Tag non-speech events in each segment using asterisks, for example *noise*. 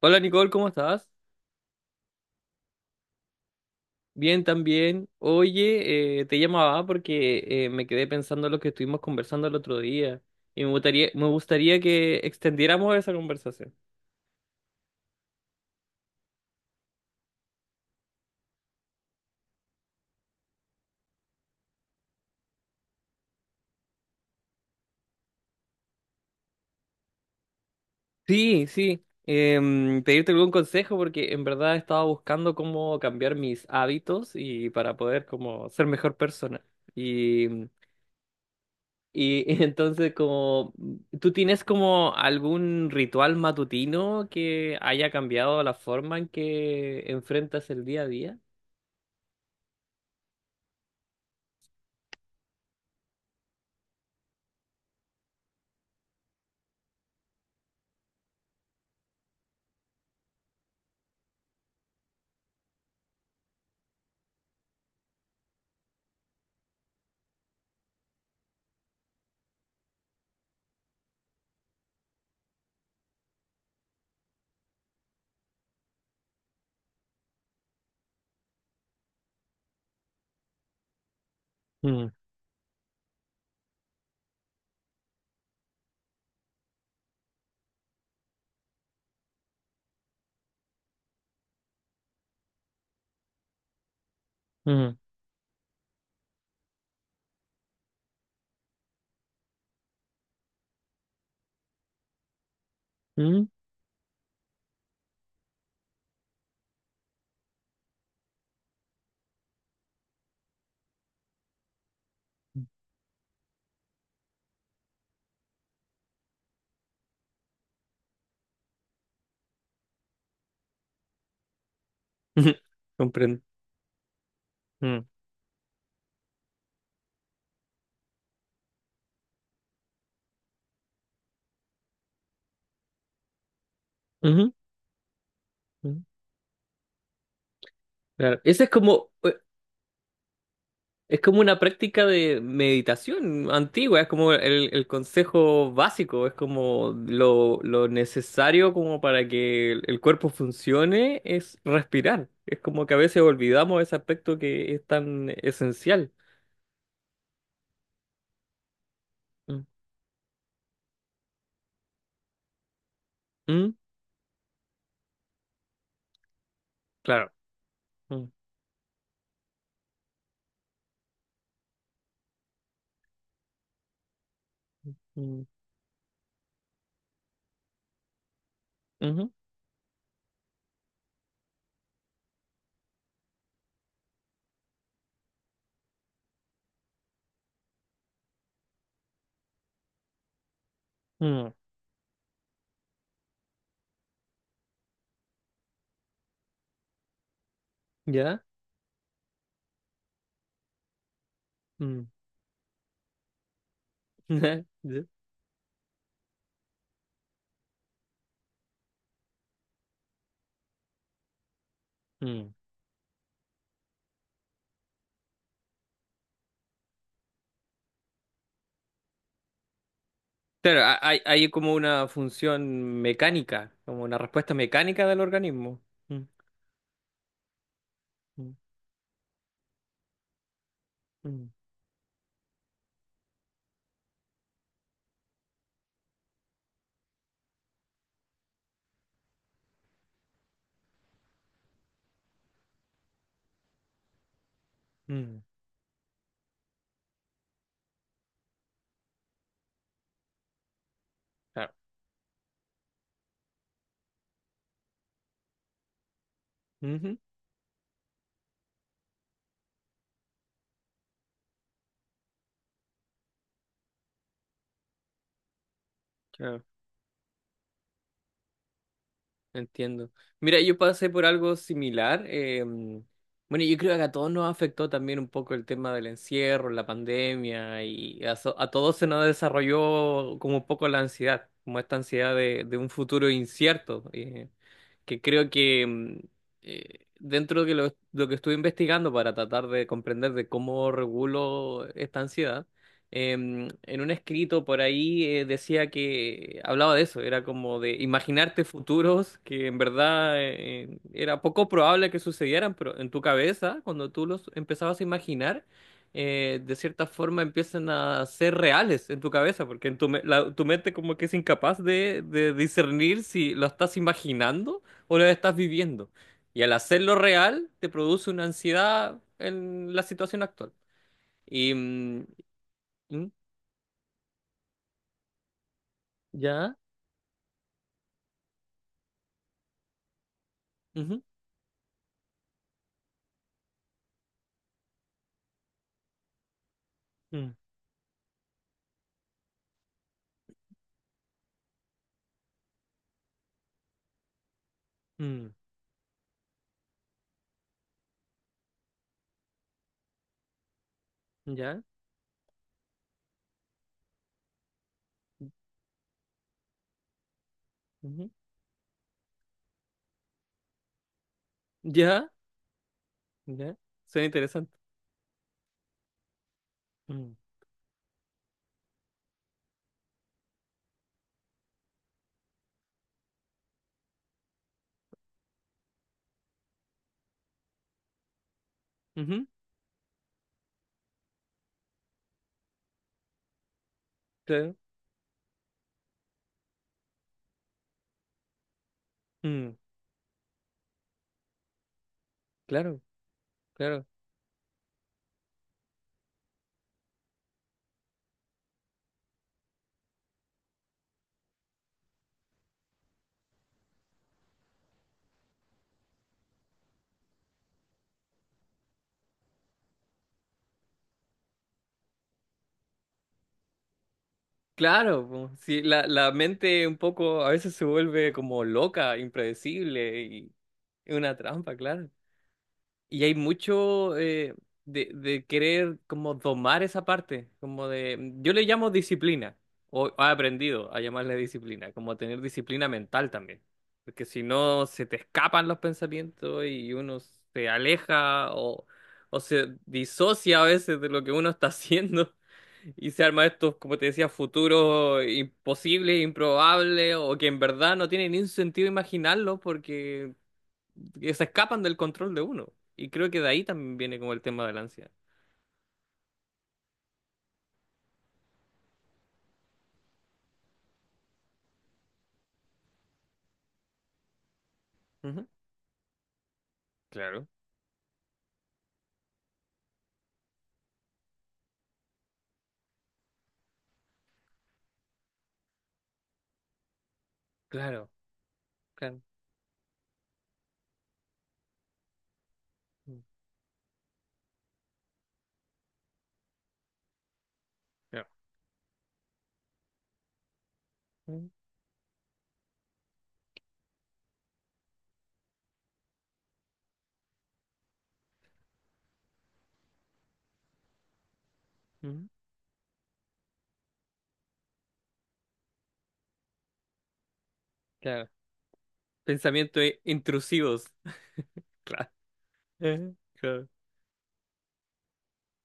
Hola Nicole, ¿cómo estás? Bien, también. Oye, te llamaba porque me quedé pensando en lo que estuvimos conversando el otro día y me gustaría que extendiéramos esa conversación. Sí, sí. Pedirte algún consejo porque en verdad estaba buscando cómo cambiar mis hábitos y para poder como ser mejor persona. Y Y *laughs* entonces, como, ¿tú tienes como algún ritual matutino que haya cambiado la forma en que enfrentas el día a día? Mm, mm, mm. *laughs* Comprendo. Mm, ujú, mm. Claro. Ese es como, es como una práctica de meditación antigua, es como el consejo básico, es como lo necesario como para que el cuerpo funcione es respirar. Es como que a veces olvidamos ese aspecto que es tan esencial. Mm, mm, claro. Mm, mm, ujú, mm, ¿ya? Mm, *laughs* ya, mm. Claro, hay, hay como una función mecánica, como una respuesta mecánica del organismo. Mm, mm, mm, mm, claro. Ujú, claro, entiendo. Mira, yo pasé por algo similar. Bueno, yo creo que a todos nos afectó también un poco el tema del encierro, la pandemia, y a, a todos se nos desarrolló como un poco la ansiedad, como esta ansiedad de un futuro incierto, que creo que dentro de lo que estuve investigando para tratar de comprender de cómo regulo esta ansiedad, en un escrito por ahí decía que hablaba de eso, era como de imaginarte futuros que en verdad era poco probable que sucedieran, pero en tu cabeza, cuando tú los empezabas a imaginar, de cierta forma empiezan a ser reales en tu cabeza, porque en tu, tu mente como que es incapaz de discernir si lo estás imaginando o lo estás viviendo. Y al hacerlo real, te produce una ansiedad en la situación actual. Y, mm, ¿mm? Ya, ujú, mm, mm, ya, ujú, ya, ya, suena interesante. Mm, ujú, claro, mm, claro, claro, claro, po. Sí, la mente un poco a veces se vuelve como loca, impredecible y es una trampa, claro. Y hay mucho de querer como domar esa parte, como de, mm, yo le llamo disciplina, o he aprendido a llamarle disciplina, como tener disciplina mental también, porque si no se te escapan los pensamientos y uno se aleja o se disocia a veces de lo que uno está *laughs* haciendo y se arma estos, como te decía, futuros imposibles, improbables o que en verdad no tiene ni un sentido imaginarlo porque que se escapan del control de uno. Y creo que de ahí también viene como el tema de la ansiedad. Ujú. Claro. Claro, claro. Mm, claro. Mm, mm, claro. Pensamientos intrusivos. *laughs* Claro. Claro.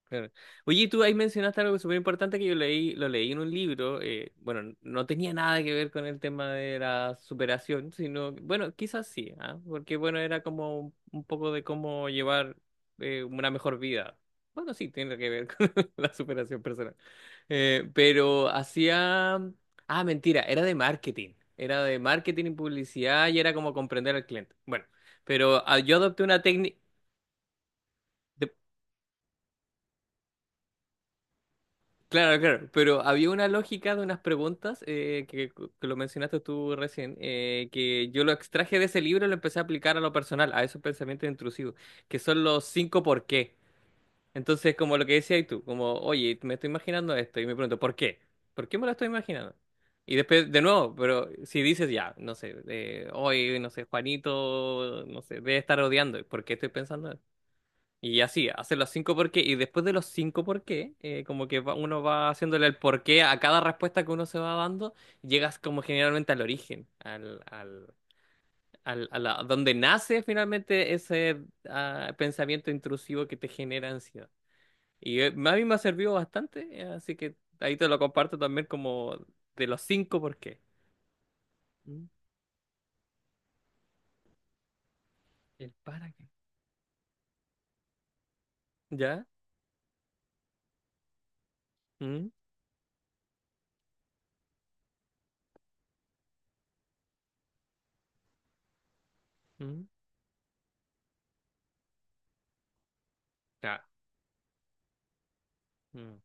Claro. Oye, y tú ahí mencionaste algo súper importante que yo leí, lo leí en un libro, bueno, no tenía nada que ver con el tema de la superación, sino, bueno, quizás sí, ¿ah? Porque bueno, era como un poco de cómo llevar una mejor vida. Bueno, sí, tiene que ver *laughs* con la superación personal. Pero hacía... Ah, mentira, era de marketing y publicidad y era como comprender al cliente. Bueno, pero ah, yo adopté una técnica... Claro, claro, pero había una lógica de unas preguntas que lo mencionaste tú recién, que yo lo extraje de ese libro y lo empecé a aplicar a lo personal, a esos pensamientos intrusivos, que son los 5 por qué. Entonces, como lo que decías tú, como, oye, me estoy imaginando esto y me pregunto, ¿por qué? ¿Por qué me lo estoy imaginando? Y después, de nuevo, pero si dices ya, no sé, hoy, no sé, Juanito, no sé, debe estar odiando, ¿por qué estoy pensando? Y así, hace los 5 por qué. Y después de los 5 por qué, como que uno va haciéndole el por qué a cada respuesta que uno se va dando, llegas como generalmente al origen, al, al, al, donde nace finalmente ese ah, pensamiento intrusivo que te genera ansiedad. Y a mí me ha servido bastante, así que ahí te lo comparto también como de los 5 por qué. Mm, ¿el para qué? ¿Ya? Mm, mm, claro. Mm,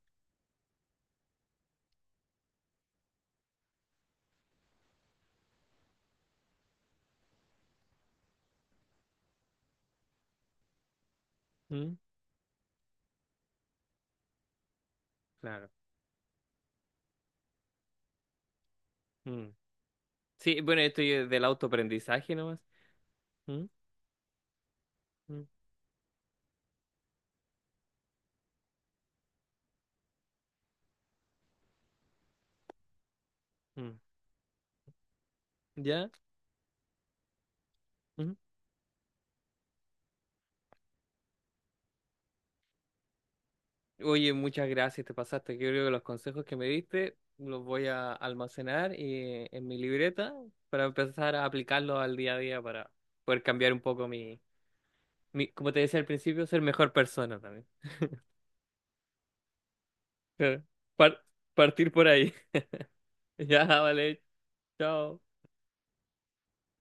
mm, claro. Mm. Sí, bueno, esto ya es del autoaprendizaje nomás. Mm, mm, mm. ¿Ya? Mm. Oye, muchas gracias, te pasaste. Yo creo que los consejos que me diste los voy a almacenar y, en mi libreta para empezar a aplicarlos al día a día para poder cambiar un poco mi, mi, como te decía al principio, ser mejor persona también. *laughs* Claro. Par- Partir por ahí. *laughs* Ya, vale. Chao.